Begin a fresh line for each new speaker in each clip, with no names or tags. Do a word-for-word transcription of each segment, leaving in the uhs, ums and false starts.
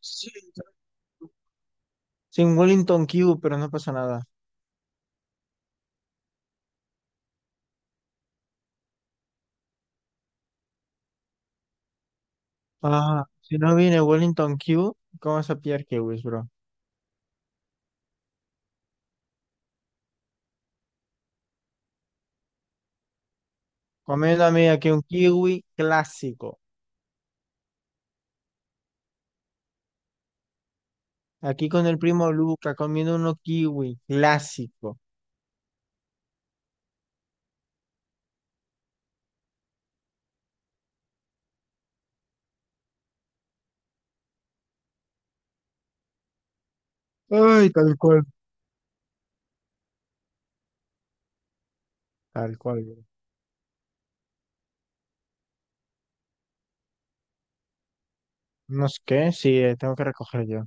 Sí, sin Wellington Q, pero no pasa nada. Ah, si no viene Wellington Q, ¿cómo vas a pillar kiwis, bro? Comiéndome aquí un kiwi clásico. Aquí con el primo Luca, comiendo uno kiwi clásico. Ay, tal cual. Tal cual, bro. No sé qué, sí, eh, tengo que recoger yo.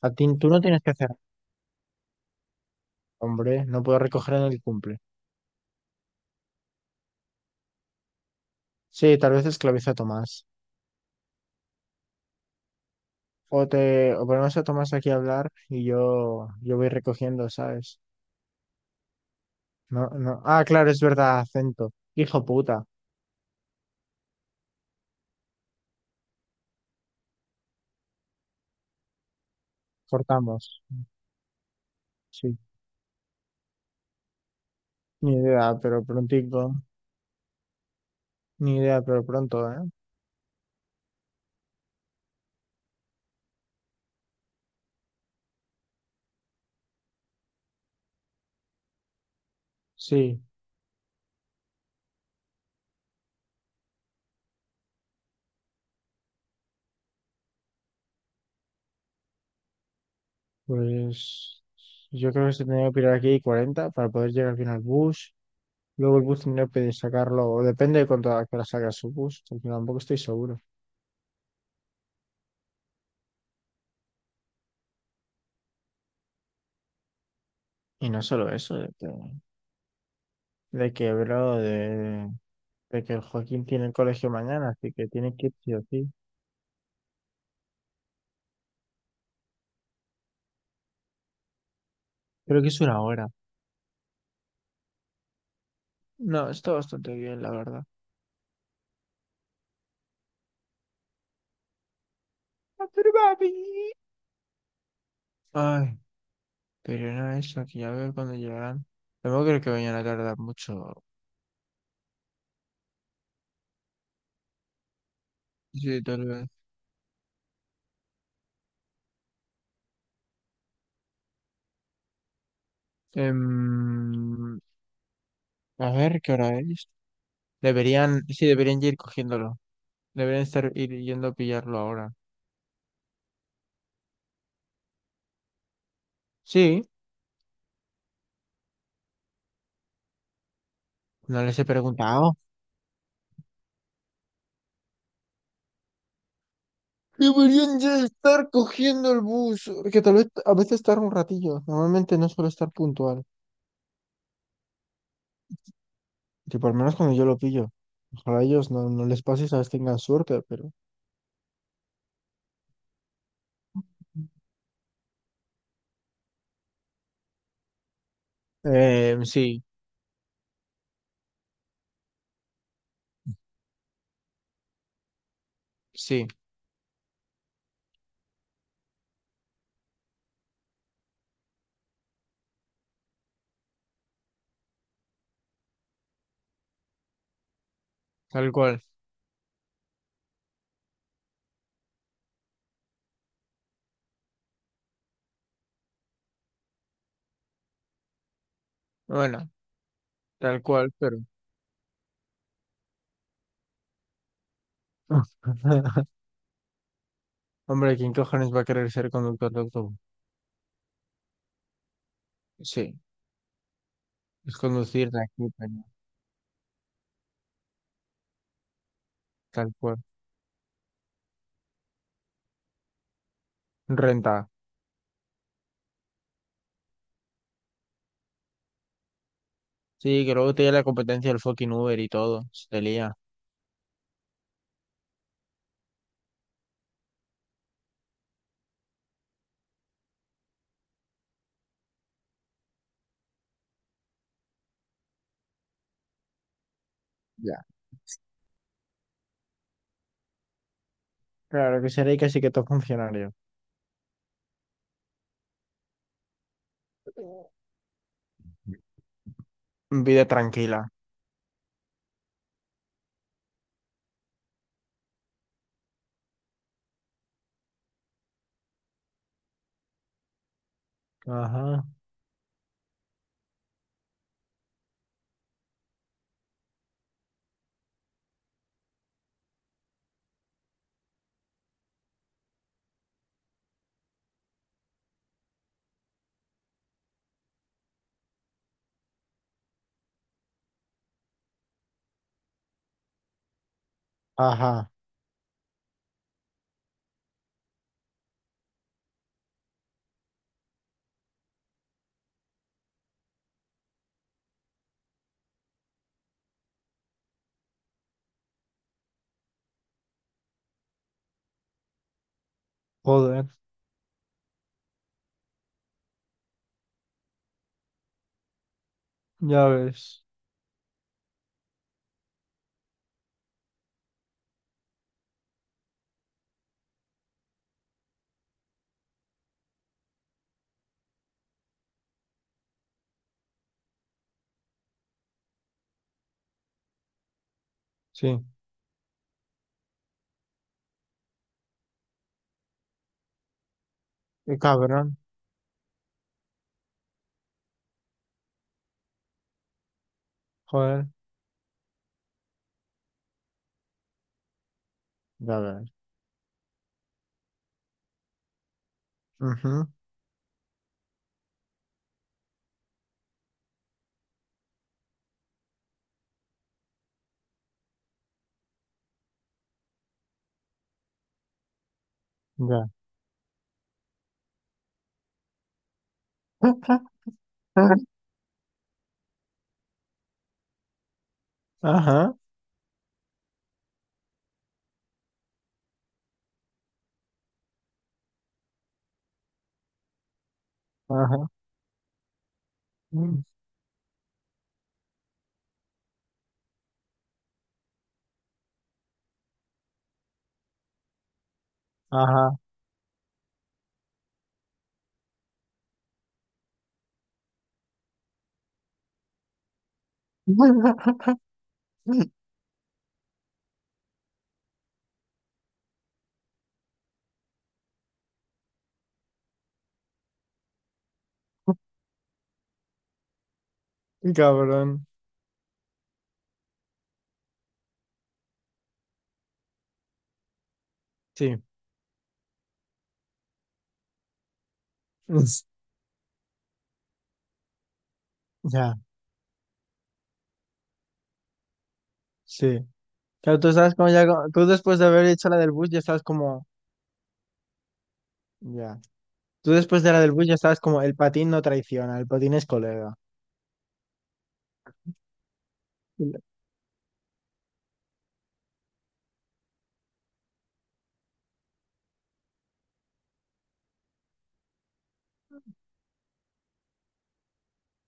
A ti, tú no tienes que hacer, hombre, no puedo recoger en el cumple. Sí, tal vez esclaviza a Tomás. O te, o ponemos a Tomás aquí a hablar y yo, yo voy recogiendo, ¿sabes? No, no. Ah, claro, es verdad, acento. Hijo puta. Cortamos. Sí. Ni idea, pero prontico. Ni idea, pero pronto, ¿eh? Sí. Pues yo creo que se tendría que pirar aquí cuarenta para poder llegar bien al bus. Luego el bus tendría que sacarlo, o depende de cuánto a qué hora salga su bus, porque tampoco estoy seguro. Y no solo eso, de que, de que, bro, de, de que el Joaquín tiene el colegio mañana, así que tiene que ir sí o sí. Creo que es una hora. No, está bastante bien, la verdad. Ah, pero papi. Ay, pero era eso, que ya veo cuando llegarán. Luego creo que vayan a tardar mucho. Sí, tal vez. Em, a ver, ¿qué hora es? Deberían, sí, deberían ya ir cogiéndolo. Deberían estar ir yendo a pillarlo ahora. Sí, no les he preguntado. Deberían ya estar cogiendo el bus, porque tal vez a veces tarda un ratillo. Normalmente no suelo estar puntual. Tipo, al menos cuando yo lo pillo. Ojalá a ellos no, no les pase y sabes tengan suerte, pero... Eh sí, sí, tal cual. Bueno. Tal cual, pero. Hombre, ¿quién cojones va a querer ser conductor de autobús? Sí, es conducir de aquí para allá, tal cual. Renta. Sí, que luego tiene la competencia del fucking Uber y todo. Se te lía. Ya. Claro que seré casi que todo funcionario. Vida tranquila. Ajá. Ajá. Joder. Ya ves. Sí. Qué cabrón. Joder. Ya ves. Ujú. Ya. Ajá. Ajá. Ajá. Cabrón. Sí. Es- ya, sí. Claro, tú estabas como ya, co- tú después de haber hecho la del bus ya estabas como, ya. Tú después de la del bus ya estabas como, el patín no traiciona, el patín es colega. Y le-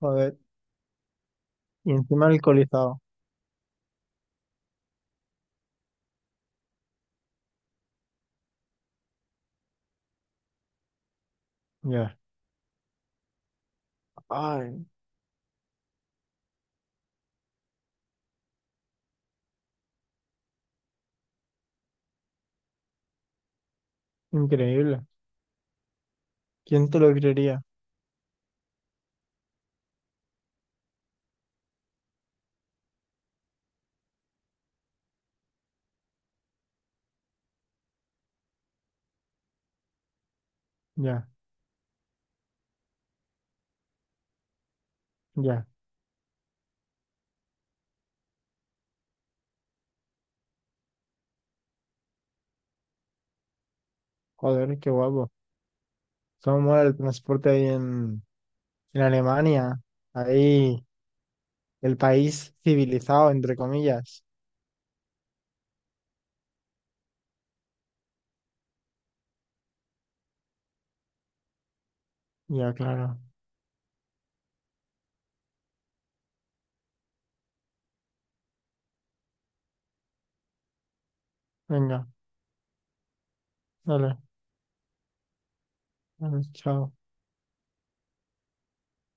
joder. Y encima alcoholizado. Ya. Ay, increíble. ¿Quién te lo creería? Ya, ya. Joder, qué guapo. Cómo mola el transporte ahí en, en Alemania. Ahí, el país civilizado, entre comillas. Ya, claro. Venga, dale. Vale, chao.